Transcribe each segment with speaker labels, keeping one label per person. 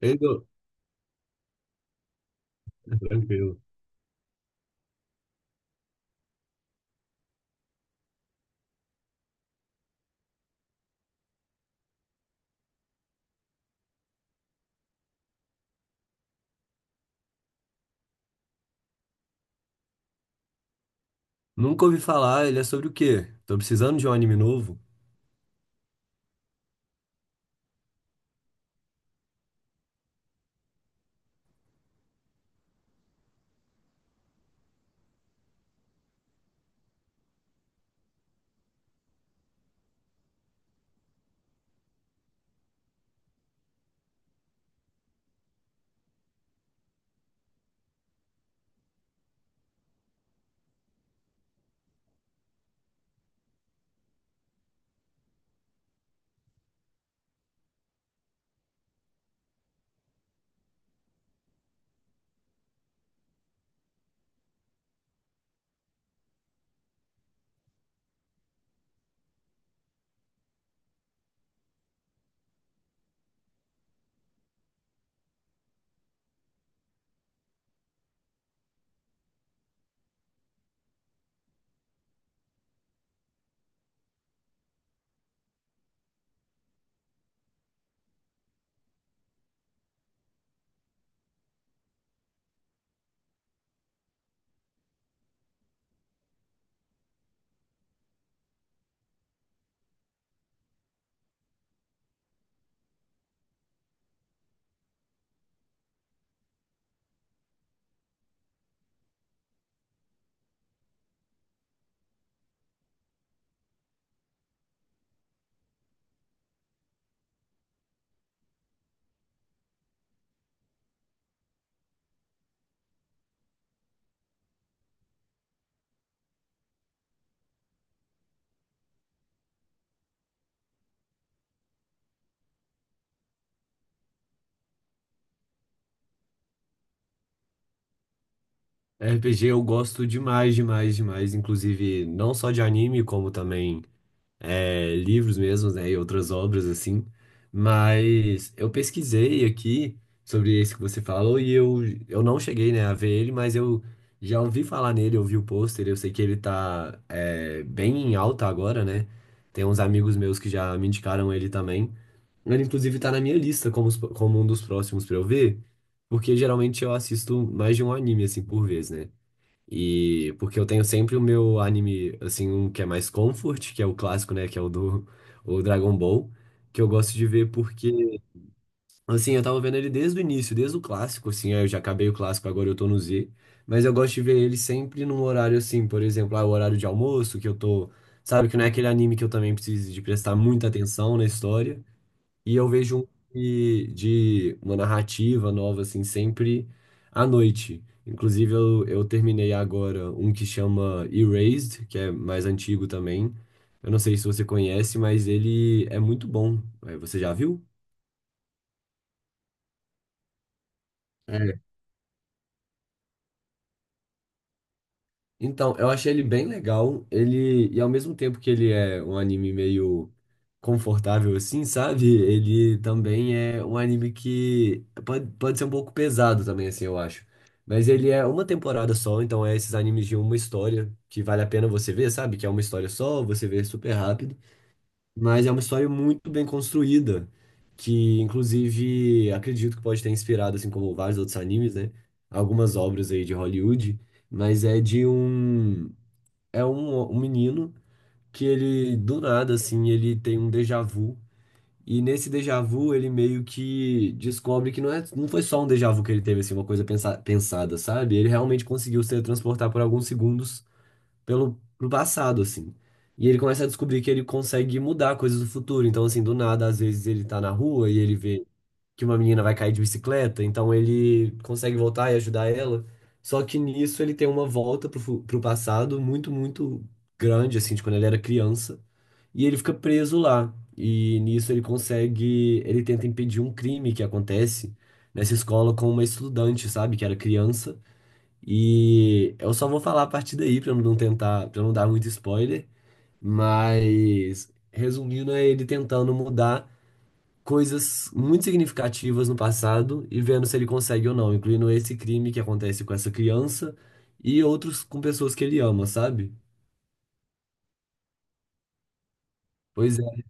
Speaker 1: Ele não- Tranquilo. Nunca ouvi falar, ele é sobre o quê? Tô precisando de um anime novo. RPG eu gosto demais, demais, demais. Inclusive, não só de anime, como também livros mesmos, né? E outras obras, assim. Mas eu pesquisei aqui sobre esse que você falou eu não cheguei, né, a ver ele, mas eu já ouvi falar nele, eu vi o pôster, eu sei que ele tá bem em alta agora, né? Tem uns amigos meus que já me indicaram ele também. Ele, inclusive, tá na minha lista como, como um dos próximos pra eu ver, porque geralmente eu assisto mais de um anime, assim, por vez, né? E porque eu tenho sempre o meu anime, assim, um que é mais comfort, que é o clássico, né? Que é o do o Dragon Ball, que eu gosto de ver porque, assim, eu tava vendo ele desde o início, desde o clássico, assim, aí eu já acabei o clássico, agora eu tô no Z. Mas eu gosto de ver ele sempre num horário, assim, por exemplo, ah, o horário de almoço, que eu tô. Sabe, que não é aquele anime que eu também preciso de prestar muita atenção na história. E eu vejo um de uma narrativa nova, assim, sempre à noite. Inclusive, eu terminei agora um que chama Erased, que é mais antigo também. Eu não sei se você conhece, mas ele é muito bom. Você já viu? Então, eu achei ele bem legal. Ele, e ao mesmo tempo que ele é um anime meio confortável assim, sabe? Ele também é um anime que pode ser um pouco pesado também assim, eu acho. Mas ele é uma temporada só, então é esses animes de uma história que vale a pena você ver, sabe? Que é uma história só, você vê super rápido. Mas é uma história muito bem construída, que inclusive acredito que pode ter inspirado, assim como vários outros animes, né? Algumas obras aí de Hollywood, mas é de um é um, um menino que ele do nada assim, ele tem um déjà vu e nesse déjà vu ele meio que descobre que não é não foi só um déjà vu que ele teve assim, uma coisa pensada, sabe? Ele realmente conseguiu se transportar por alguns segundos pelo pro passado, assim. E ele começa a descobrir que ele consegue mudar coisas do futuro. Então, assim, do nada, às vezes ele tá na rua e ele vê que uma menina vai cair de bicicleta, então ele consegue voltar e ajudar ela. Só que nisso ele tem uma volta pro passado muito, muito grande, assim, de quando ele era criança. E ele fica preso lá. E nisso ele consegue. Ele tenta impedir um crime que acontece nessa escola com uma estudante, sabe? Que era criança. E eu só vou falar a partir daí pra não tentar, para não dar muito spoiler, mas resumindo é ele tentando mudar coisas muito significativas no passado e vendo se ele consegue ou não, incluindo esse crime que acontece com essa criança e outros com pessoas que ele ama, sabe? Pois é.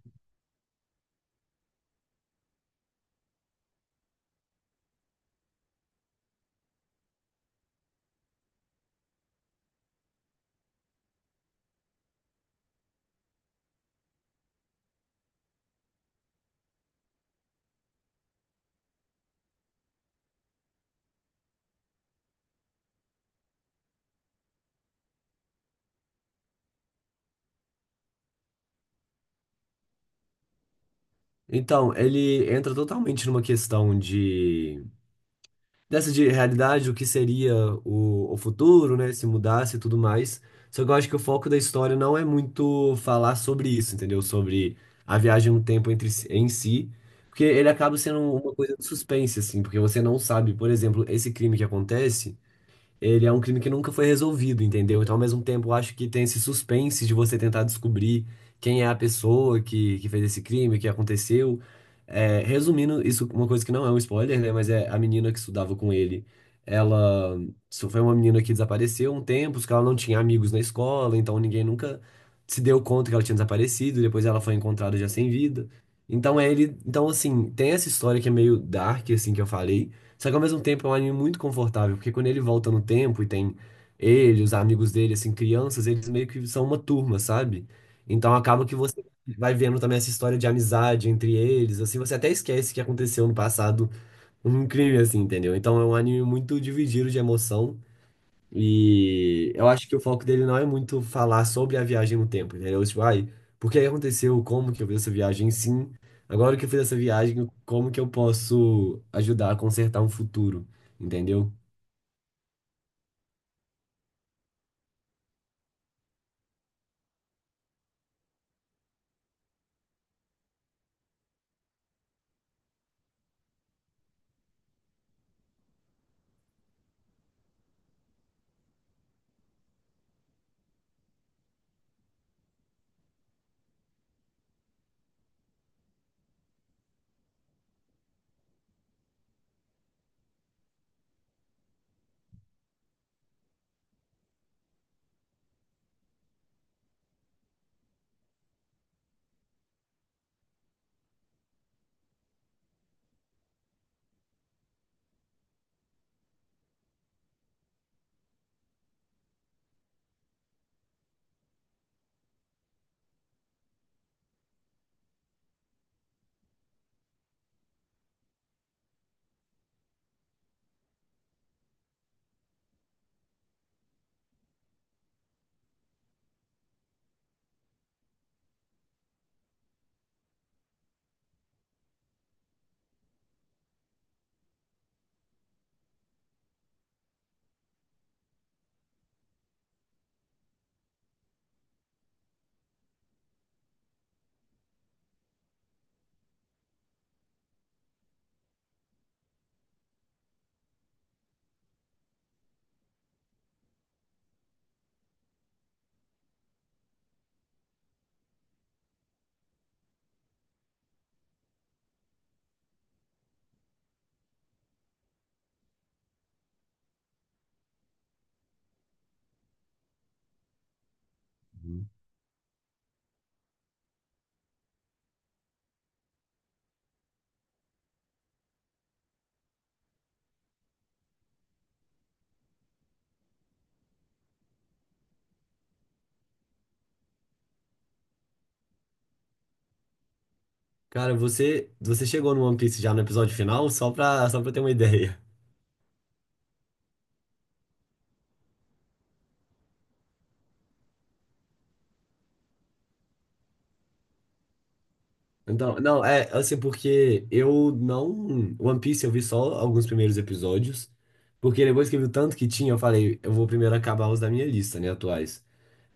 Speaker 1: Então, ele entra totalmente numa questão de dessa de realidade, o que seria o futuro, né? Se mudasse e tudo mais. Só que eu acho que o foco da história não é muito falar sobre isso, entendeu? Sobre a viagem no tempo em si. Porque ele acaba sendo uma coisa de suspense, assim, porque você não sabe, por exemplo, esse crime que acontece ele é um crime que nunca foi resolvido, entendeu? Então, ao mesmo tempo, eu acho que tem esse suspense de você tentar descobrir quem é a pessoa que fez esse crime, o que aconteceu. É, resumindo, isso é uma coisa que não é um spoiler, né? Mas é a menina que estudava com ele. Ela Isso foi uma menina que desapareceu um tempo, porque ela não tinha amigos na escola, então ninguém nunca se deu conta que ela tinha desaparecido. Depois ela foi encontrada já sem vida. Então, é ele, então assim, tem essa história que é meio dark, assim, que eu falei. Só que ao mesmo tempo é um anime muito confortável, porque quando ele volta no tempo e tem ele, os amigos dele, assim, crianças, eles meio que são uma turma, sabe? Então acaba que você vai vendo também essa história de amizade entre eles, assim, você até esquece que aconteceu no passado um crime, assim, entendeu? Então é um anime muito dividido de emoção, e eu acho que o foco dele não é muito falar sobre a viagem no tempo, entendeu? Tipo, ai, por que aconteceu? Como que eu fiz essa viagem? Sim, agora que eu fiz essa viagem, como que eu posso ajudar a consertar um futuro, entendeu? Uhum. Cara, você chegou no One Piece já no episódio final, só só pra ter uma ideia. Então, não, é assim, porque eu não. One Piece eu vi só alguns primeiros episódios, porque depois que eu vi o tanto que tinha, eu falei, eu vou primeiro acabar os da minha lista, né, atuais.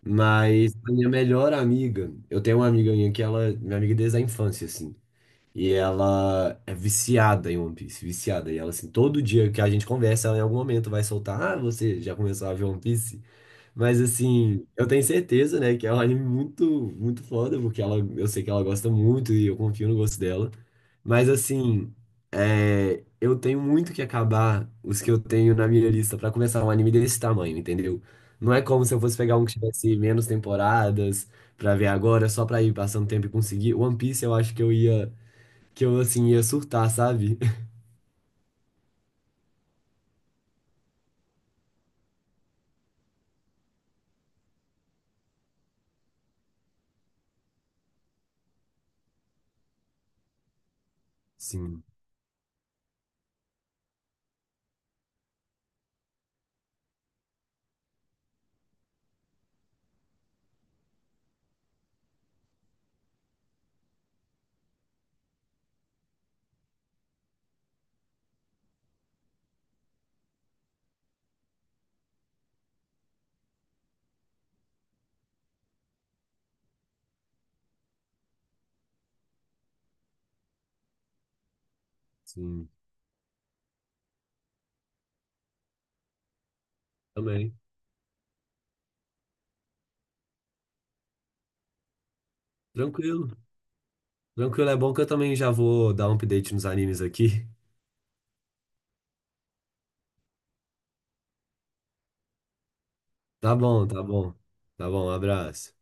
Speaker 1: Mas a minha melhor amiga, eu tenho uma amiga minha que ela, minha amiga desde a infância, assim. E ela é viciada em One Piece, viciada. E ela, assim, todo dia que a gente conversa, ela em algum momento vai soltar: Ah, você já começou a ver One Piece? Mas assim, eu tenho certeza, né, que é um anime muito, muito foda, porque ela, eu sei que ela gosta muito e eu confio no gosto dela. Mas assim, é, eu tenho muito que acabar os que eu tenho na minha lista pra começar um anime desse tamanho, entendeu? Não é como se eu fosse pegar um que tivesse menos temporadas pra ver agora, só pra ir passando tempo e conseguir. One Piece eu acho que eu ia, que eu assim ia surtar, sabe? Sim, sim, também. Tranquilo. Tranquilo, é bom que eu também já vou dar um update nos animes aqui. Tá bom, tá bom. Tá bom, um abraço.